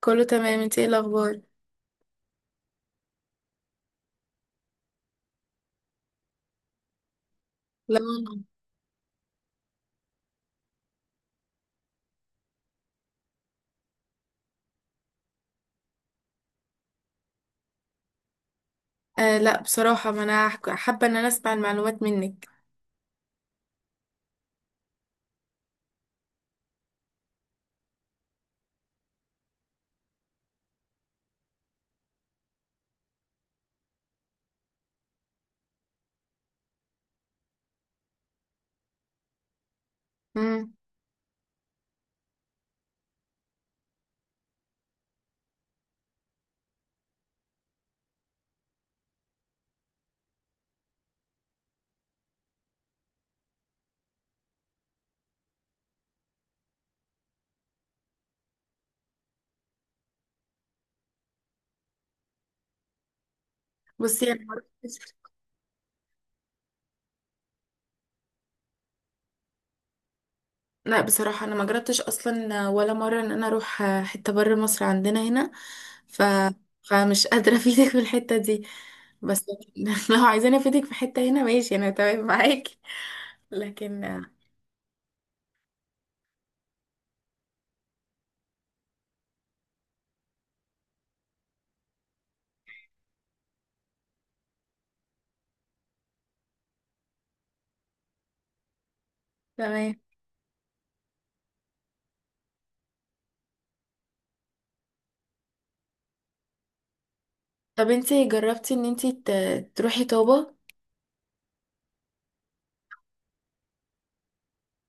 كله تمام، انت ايه الاخبار؟ لا. آه، لا بصراحه، ما انا هحك- حابه ان انا اسمع المعلومات منك. امم بصي، انا ما رحتش- لا بصراحه انا ما جربتش اصلا ولا مره ان انا اروح حته بره مصر، عندنا هنا. ف فمش قادره افيدك في الحته دي، بس لو عايزاني افيدك في حته هنا، ماشي، انا تمام معاكي. لكن آه، تمام. طب انت جربتي ان تروحي طابه؟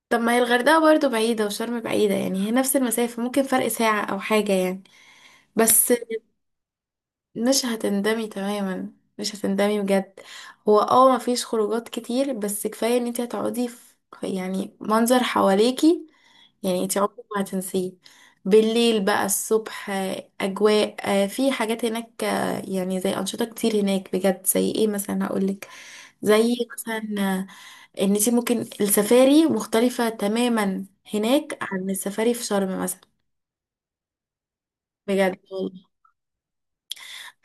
طب ما هي الغردقه برضو بعيده، وشرم بعيده، يعني هي نفس المسافه، ممكن فرق ساعه او حاجه يعني. بس مش هتندمي تماما، مش هتندمي بجد. هو اه مفيش خروجات كتير، بس كفاية ان انت هتقعدي في يعني منظر حواليكي، يعني انت عمرك ما هتنسيه. بالليل بقى، الصبح، آه، اجواء. آه، في حاجات هناك، آه، يعني زي انشطة كتير هناك بجد. زي ايه مثلا؟ هقولك زي مثلا آه، ان انت ممكن السفاري مختلفة تماما هناك عن السفاري في شرم مثلا. بجد.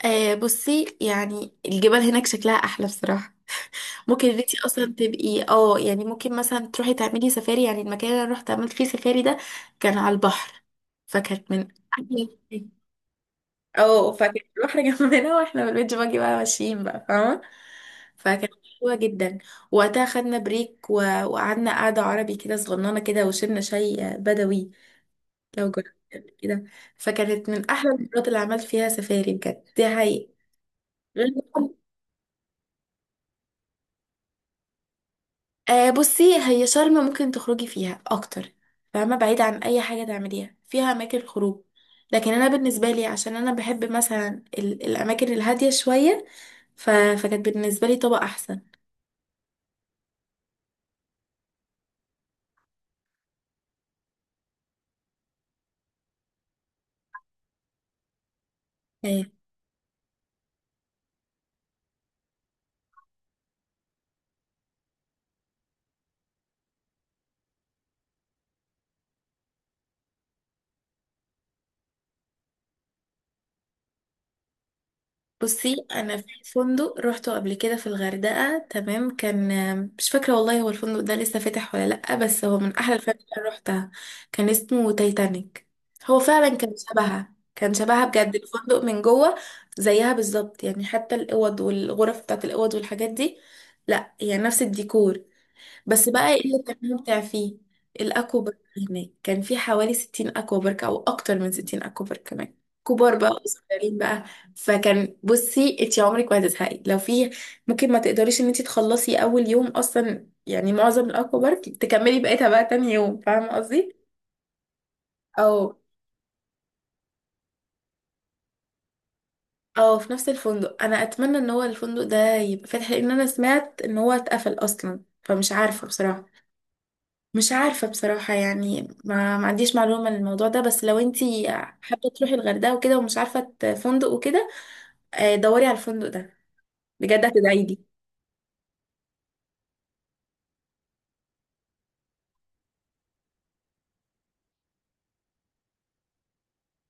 آه، بصي يعني الجبال هناك شكلها احلى بصراحه. ممكن ان انتي اصلا تبقي اه يعني ممكن مثلا تروحي تعملي سفاري. يعني المكان اللي انا رحت عملت فيه سفاري ده كان على البحر، فكانت من احلى. اه، فكان البحر جنبنا واحنا بالبيت باجي بقى ماشيين بقى، فاهمه؟ فكانت حلوه جدا. وقتها خدنا بريك، وقعدنا قعده عربي كده، صغننه كده، وشربنا شاي بدوي. لو جربت كده، فكانت من احلى المرات اللي عملت فيها سفاري بجد، دي حقيقة. آه بصي، هي شرم ممكن تخرجي فيها اكتر، فاهمه، بعيد عن اي حاجه تعمليها، فيها اماكن خروج. لكن انا بالنسبه لي، عشان انا بحب مثلا الاماكن الهاديه شويه، فكانت بالنسبه لي طبق احسن. آه، بصي انا في فندق روحته قبل كده في الغردقه، تمام كان. مش فاكره والله هو الفندق ده لسه فاتح ولا لا، بس هو من احلى الفنادق اللي روحتها. كان اسمه تايتانيك. هو فعلا كان شبهها، كان شبهها بجد الفندق من جوه، زيها بالظبط، يعني حتى الاوض والغرف بتاعت الاوض والحاجات دي. لا يعني نفس الديكور. بس بقى ايه اللي كان ممتع فيه؟ الاكوا بارك. هناك كان في حوالي 60 اكوا بارك او اكتر من 60 اكوا بارك كمان، كبار بقى وصغيرين بقى. فكان، بصي انت عمرك ما هتزهقي لو في، ممكن ما تقدريش ان انت تخلصي اول يوم اصلا، يعني معظم الاكوا بارك تكملي بقيتها بقى تاني يوم، فاهمه قصدي؟ او في نفس الفندق. انا اتمنى ان هو الفندق ده يبقى فاتح، لان انا سمعت ان هو اتقفل اصلا، فمش عارفه بصراحه. مش عارفة بصراحة يعني ما عنديش معلومة عن الموضوع ده، بس لو انتي حابة تروحي الغردقة وكده ومش عارفة فندق وكده، آه، دوري على الفندق ده بجد، هتدعي لي.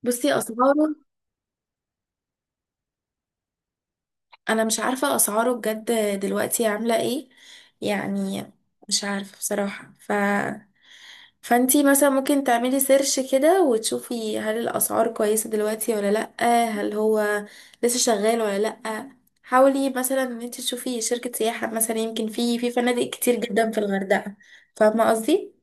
بصي أسعاره، انا مش عارفة اسعاره بجد دلوقتي عاملة ايه يعني. مش عارفة بصراحة، فانتي مثلا ممكن تعملي سيرش كده وتشوفي هل الاسعار كويسة دلوقتي ولا لأ، هل هو لسه شغال ولا لأ. حاولي مثلا ان انتي تشوفي شركة سياحة مثلا، يمكن في فنادق كتير جدا في الغردقة، فاهمة قصدي؟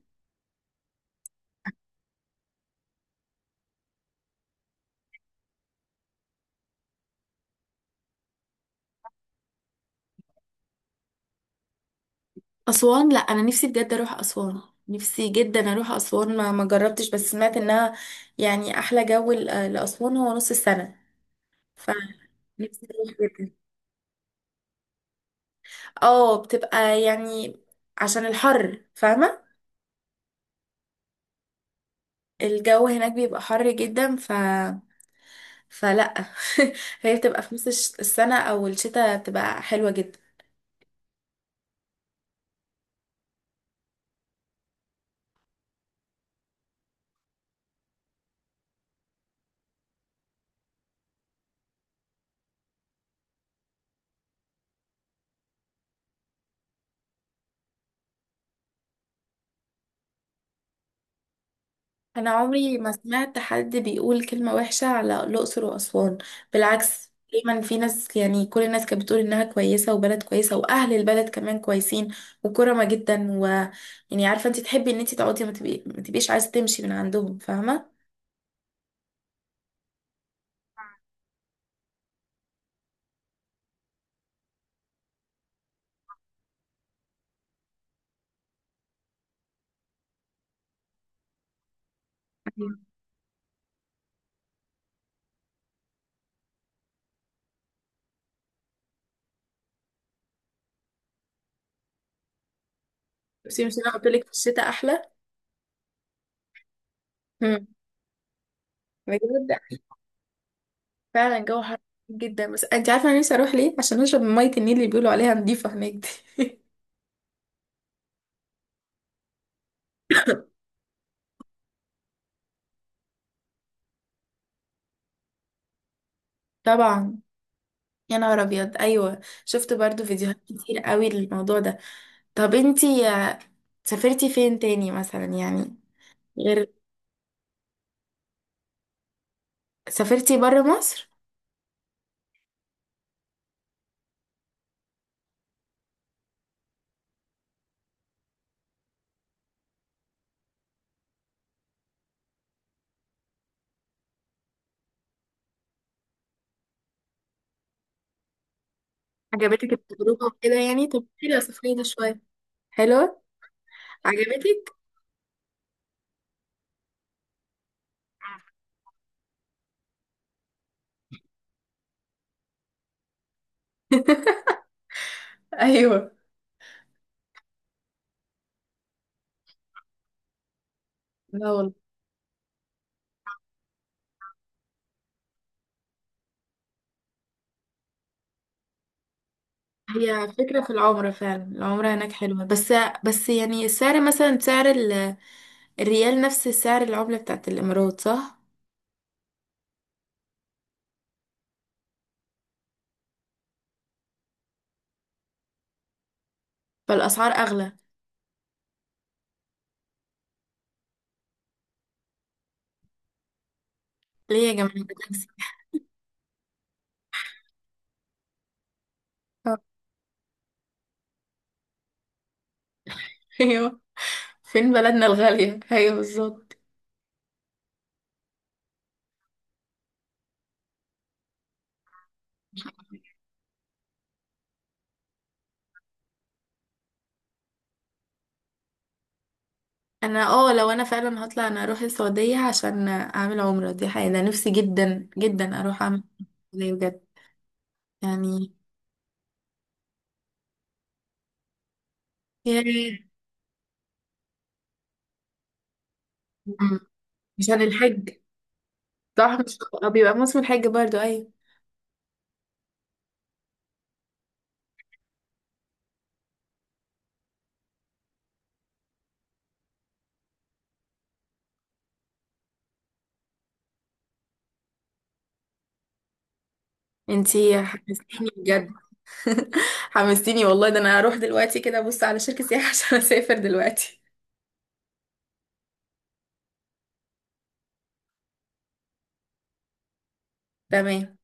اسوان، لا انا نفسي بجد اروح اسوان، نفسي جدا اروح اسوان. ما جربتش بس سمعت انها يعني احلى جو لاسوان هو نص السنة، فنفسي اروح جدا. اه بتبقى يعني عشان الحر، فاهمة؟ الجو هناك بيبقى حر جدا، فلا هي بتبقى في نص السنة او الشتاء بتبقى حلوة جدا. انا عمري ما سمعت حد بيقول كلمة وحشة على الاقصر واسوان، بالعكس دايما في ناس، يعني كل الناس كانت بتقول انها كويسة وبلد كويسة، واهل البلد كمان كويسين وكرمة جدا، و يعني عارفة انت تحبي ان انت تقعدي، ما تبقيش عايزة تمشي من عندهم، فاهمة؟ بس مش انا قلت لك في الشتاء احلى؟ مم. بجد. فعلا جو حر جدا. بس انت عارفه انا نفسي اروح ليه عشان اشرب من ميه النيل اللي بيقولوا عليها نضيفه هناك دي طبعا. يا نهار ابيض، ايوه شفت برضو فيديوهات كتير قوي للموضوع ده. طب انتي آه، سافرتي فين تاني مثلا يعني، غير. سافرتي بره مصر؟ عجبتك التجربة وكده يعني؟ طب كده سافرتي شوية. حلو. عجبتك؟ ايوه. لا. هي فكرة، في العمرة فعلا العمرة هناك حلوة، بس بس يعني السعر مثلا، سعر الريال نفس سعر العملة بتاعت الإمارات، صح؟ فالأسعار أغلى. ليه يا جماعة ده تاكسي؟ أيوه، فين بلدنا الغالية، أيوه بالظبط. أنا اه لو أنا فعلا هطلع، أنا أروح السعودية عشان أعمل عمرة، دي حقيقة، أنا نفسي جدا جدا أروح أعمل عمرة بجد يعني. يا ريت. أمم. عشان الحج، صح؟ مش آه، بيبقى موسم الحج برضو، أيوه. انتي حمستيني بجد. حمستيني والله، ده انا هروح دلوقتي كده ابص على شركة سياحة عشان اسافر دلوقتي. تمام.